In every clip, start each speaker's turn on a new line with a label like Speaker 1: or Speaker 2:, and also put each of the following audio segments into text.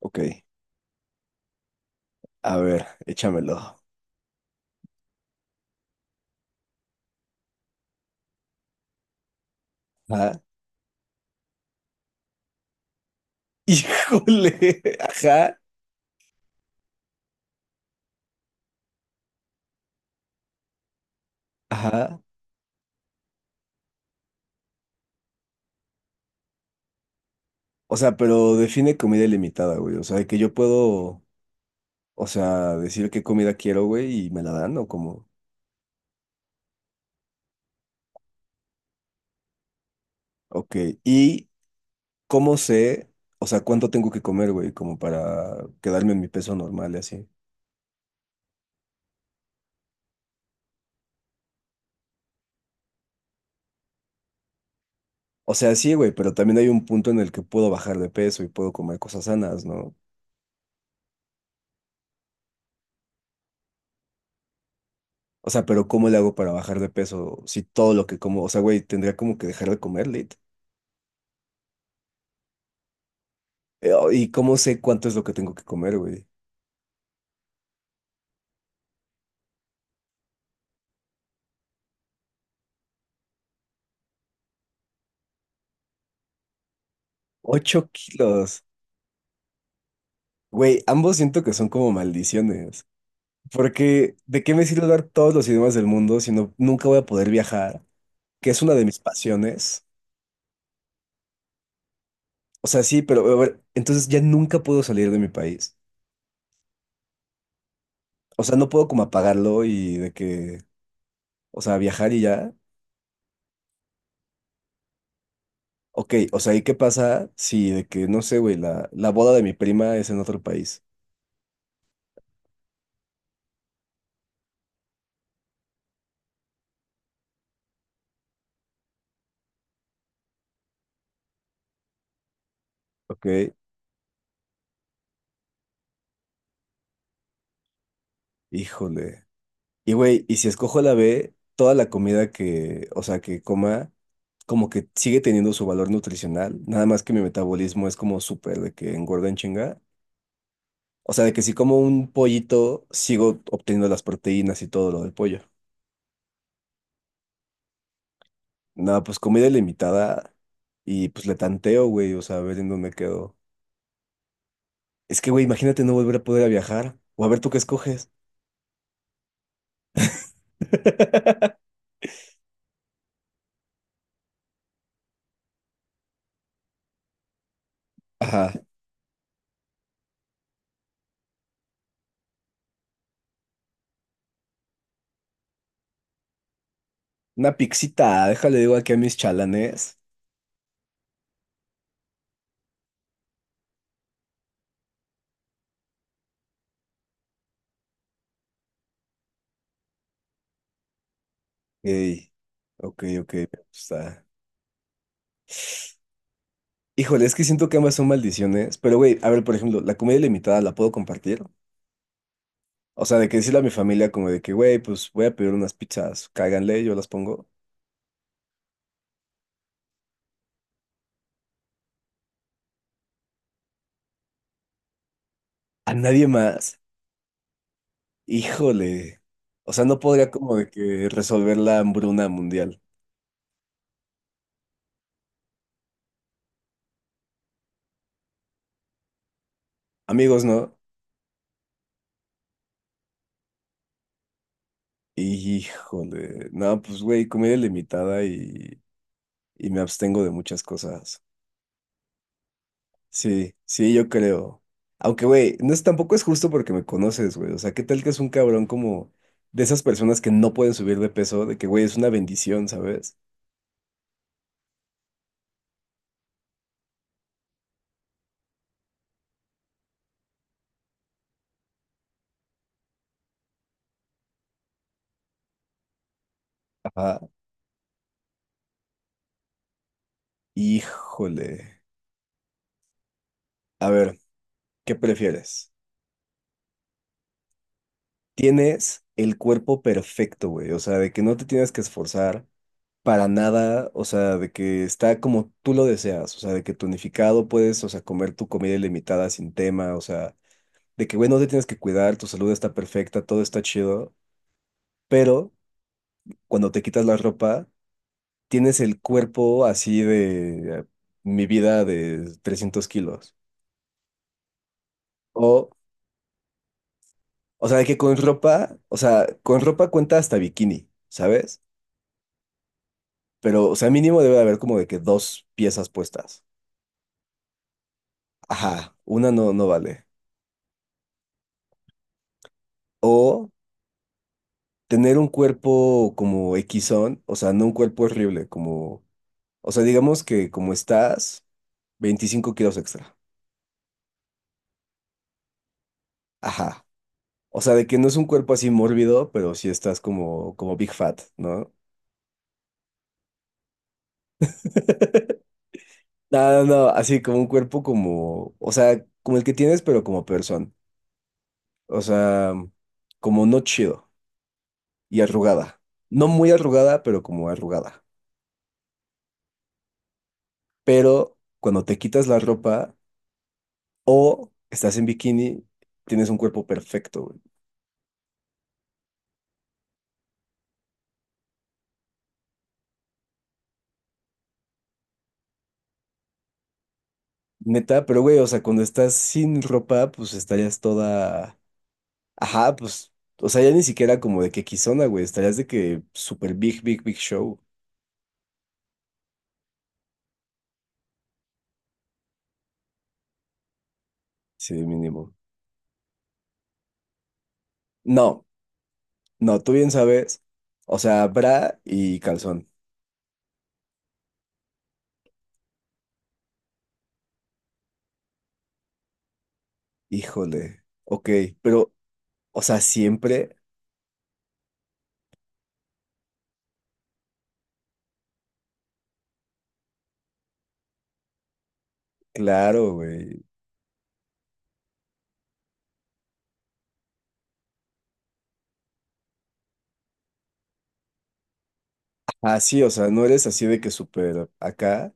Speaker 1: Ok, a ver, échamelo. Ajá. Híjole, ajá, ajá. O sea, pero define comida ilimitada, güey. O sea, que yo puedo, o sea, decir qué comida quiero, güey, y me la dan, o como. Ok, y cómo sé, o sea, cuánto tengo que comer, güey, como para quedarme en mi peso normal y así. O sea, sí, güey, pero también hay un punto en el que puedo bajar de peso y puedo comer cosas sanas, ¿no? O sea, pero ¿cómo le hago para bajar de peso si todo lo que como, o sea, güey, tendría como que dejar de comer, lit? Oh, ¿Y cómo sé cuánto es lo que tengo que comer, güey? 8 kilos. Güey, ambos siento que son como maldiciones. Porque, ¿de qué me sirve hablar todos los idiomas del mundo si no, nunca voy a poder viajar? Que es una de mis pasiones. O sea, sí, pero a ver, entonces ya nunca puedo salir de mi país. O sea, no puedo como apagarlo y de que, o sea, viajar y ya. Ok, o sea, ¿y qué pasa si de que, no sé, güey, la boda de mi prima es en otro país? Ok, híjole. Y güey, y si escojo la B, toda la comida que, o sea, que coma, como que sigue teniendo su valor nutricional, nada más que mi metabolismo es como súper de que engorda en chinga. O sea, de que si como un pollito, sigo obteniendo las proteínas y todo lo del pollo. Nada, pues comida ilimitada y pues le tanteo, güey, o sea, a ver en dónde quedo. Es que, güey, imagínate no volver a poder a viajar. O a ver tú qué escoges. Ajá. Una pixita, déjale digo aquí a mis chalanes. Ey, ok, ok, me gusta. Híjole, es que siento que ambas son maldiciones, pero güey, a ver, por ejemplo, la comida ilimitada la puedo compartir. O sea, de que decirle a mi familia como de que, güey, pues voy a pedir unas pizzas, cáiganle, yo las pongo. A nadie más. Híjole. O sea, no podría como de que resolver la hambruna mundial. Amigos, ¿no? Híjole. No, pues güey, comida ilimitada y me abstengo de muchas cosas. Sí, sí, yo creo. Aunque, güey, no es, tampoco es justo porque me conoces, güey. O sea, ¿qué tal que es un cabrón como de esas personas que no pueden subir de peso? De que, güey, es una bendición, ¿sabes? Ajá. Híjole. A ver, ¿qué prefieres? Tienes el cuerpo perfecto, güey. O sea, de que no te tienes que esforzar para nada. O sea, de que está como tú lo deseas. O sea, de que tonificado puedes, o sea, comer tu comida ilimitada sin tema. O sea, de que, güey, no te tienes que cuidar, tu salud está perfecta, todo está chido. Pero cuando te quitas la ropa, tienes el cuerpo así de mi vida de 300 kilos. O, o sea, de que con ropa, o sea, con ropa cuenta hasta bikini, ¿sabes? Pero, o sea, mínimo debe de haber como de que dos piezas puestas. Ajá, una no, no vale. O tener un cuerpo como equisón, o sea, no un cuerpo horrible, como, o sea, digamos que como estás, 25 kilos extra. Ajá. O sea, de que no es un cuerpo así mórbido, pero sí estás como, como Big Fat, ¿no? No, no, no, así como un cuerpo como, o sea, como el que tienes, pero como persona. O sea, como no chido y arrugada. No muy arrugada, pero como arrugada. Pero cuando te quitas la ropa o estás en bikini, tienes un cuerpo perfecto, güey. Neta, pero güey, o sea, cuando estás sin ropa, pues estarías toda. Ajá, pues, o sea, ya ni siquiera como de que Kizona, güey, estarías de que super big, big, big show, sí, mínimo. No, no, tú bien sabes, o sea, bra y calzón, híjole, ok, pero, o sea, siempre, claro, güey. Ah, sí, o sea, no eres así de que súper acá.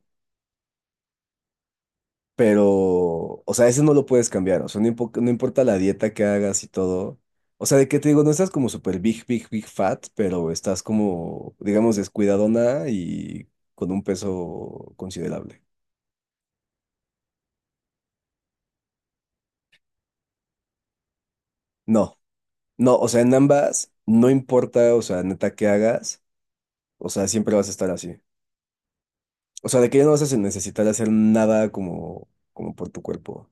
Speaker 1: Pero, o sea, ese no lo puedes cambiar. O sea, no, no importa la dieta que hagas y todo. O sea, de que te digo, no estás como súper big, big, big fat, pero estás como, digamos, descuidadona y con un peso considerable. No, no, o sea, en ambas, no importa, o sea, neta que hagas, o sea, siempre vas a estar así. O sea, de que ya no vas a necesitar hacer nada como, como por tu cuerpo.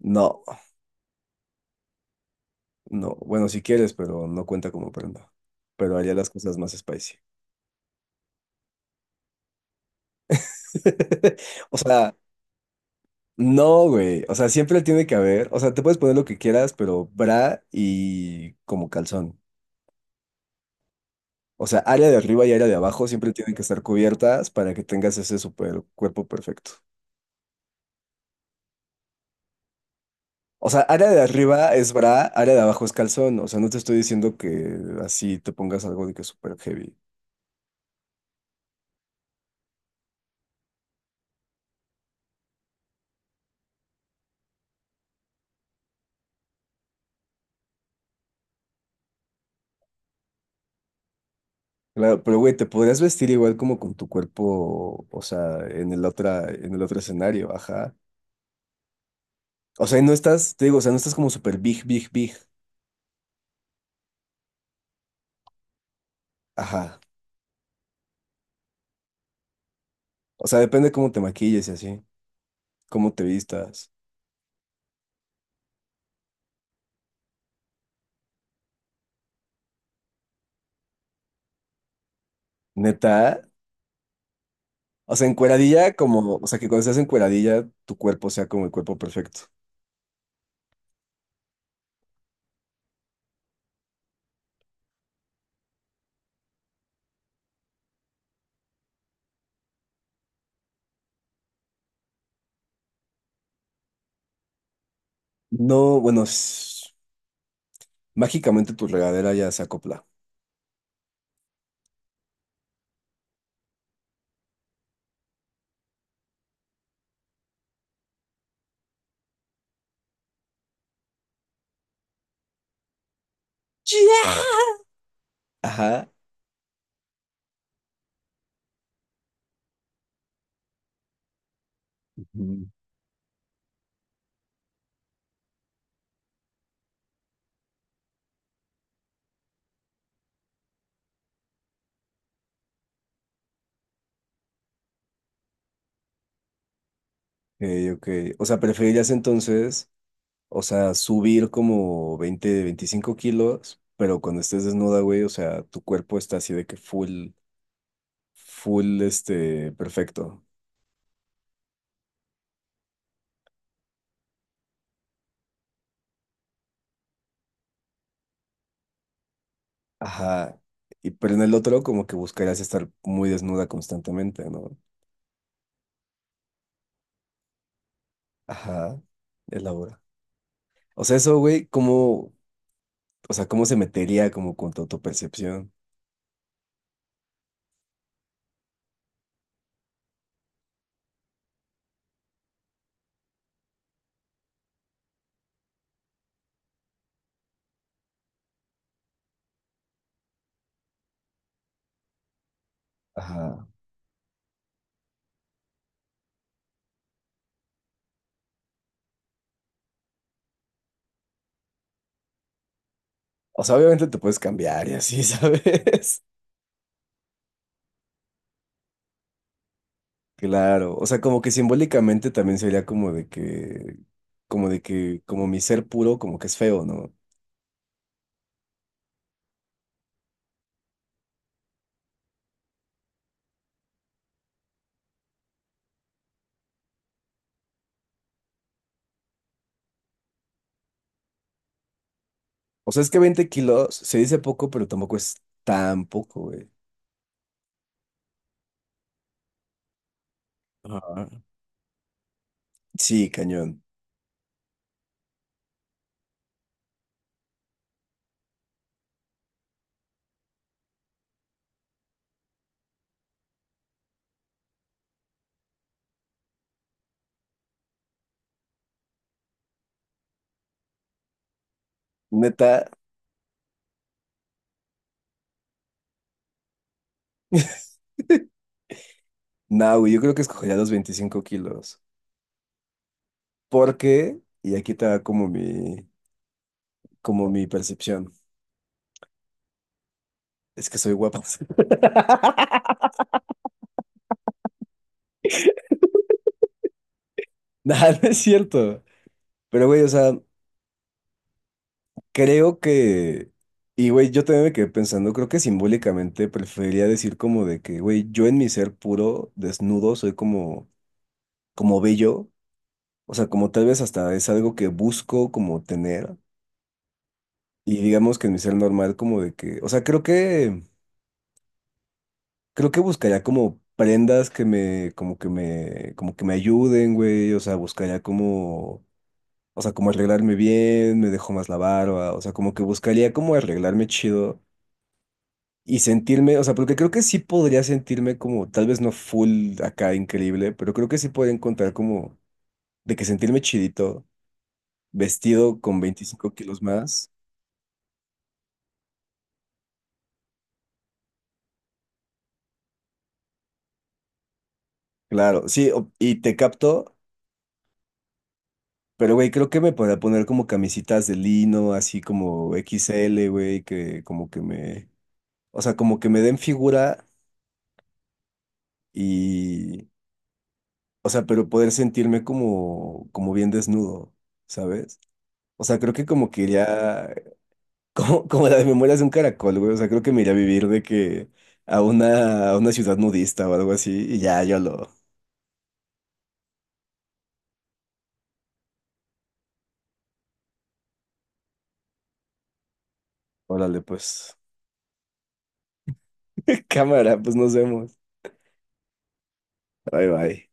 Speaker 1: No, no, bueno, si quieres, pero no cuenta como prenda. Pero haría las cosas más spicy. O sea, no, güey. O sea, siempre tiene que haber. O sea, te puedes poner lo que quieras, pero bra y como calzón. O sea, área de arriba y área de abajo siempre tienen que estar cubiertas para que tengas ese super cuerpo perfecto. O sea, área de arriba es bra, área de abajo es calzón. O sea, no te estoy diciendo que así te pongas algo de que es súper heavy. Claro, pero güey, te podrías vestir igual como con tu cuerpo, o sea, en el otro escenario, ajá. O sea, y no estás, te digo, o sea, no estás como súper big, big, big. Ajá. O sea, depende cómo te maquilles y así, cómo te vistas. Neta. O sea, encueradilla, como, o sea, que cuando estás encueradilla, tu cuerpo sea como el cuerpo perfecto. No, bueno, mágicamente tu regadera ya se acopla. Ajá. Ujú. Ok, ok. O sea, preferirías entonces, o sea, subir como 20, 25 kilos, pero cuando estés desnuda, güey, o sea, tu cuerpo está así de que full, full, perfecto. Ajá. Y, pero en el otro como que buscarías estar muy desnuda constantemente, ¿no? Ajá. Elabora. O sea, eso, güey, ¿cómo, o sea, cómo se metería como con tu autopercepción? Ajá. O sea, obviamente te puedes cambiar y así, ¿sabes? Claro. O sea, como que simbólicamente también sería como de que, como de que, como, mi ser puro, como que es feo, ¿no? O sea, es que 20 kilos se dice poco, pero tampoco es tan poco, güey. Ajá. Sí, cañón. Neta. No, güey, yo creo que escogería los 25 kilos. Porque, y aquí te va como mi percepción, es que soy guapo. Nada, no es cierto. Pero, güey, o sea, creo que... Y, güey, yo también me quedé pensando, creo que simbólicamente preferiría decir como de que, güey, yo en mi ser puro, desnudo, soy como bello. O sea, como tal vez hasta es algo que busco como tener. Y digamos que en mi ser normal como de que... O sea, creo que... Creo que buscaría como prendas como que me ayuden, güey. O sea, buscaría como, o sea, como arreglarme bien, me dejo más la barba. O sea, como que buscaría como arreglarme chido y sentirme, o sea, porque creo que sí podría sentirme como, tal vez no full acá increíble, pero creo que sí podría encontrar como de que sentirme chidito, vestido con 25 kilos más. Claro, sí, y te capto. Pero, güey, creo que me podría poner como camisitas de lino, así como XL güey, que como que me, o sea, como que me den figura y, o sea, pero poder sentirme como bien desnudo, ¿sabes? O sea, creo que como que iría, como las memorias de un caracol, güey, o sea, creo que me iría a vivir de que a una ciudad nudista o algo así y ya, yo lo, órale, pues, cámara, pues nos vemos. Bye, bye.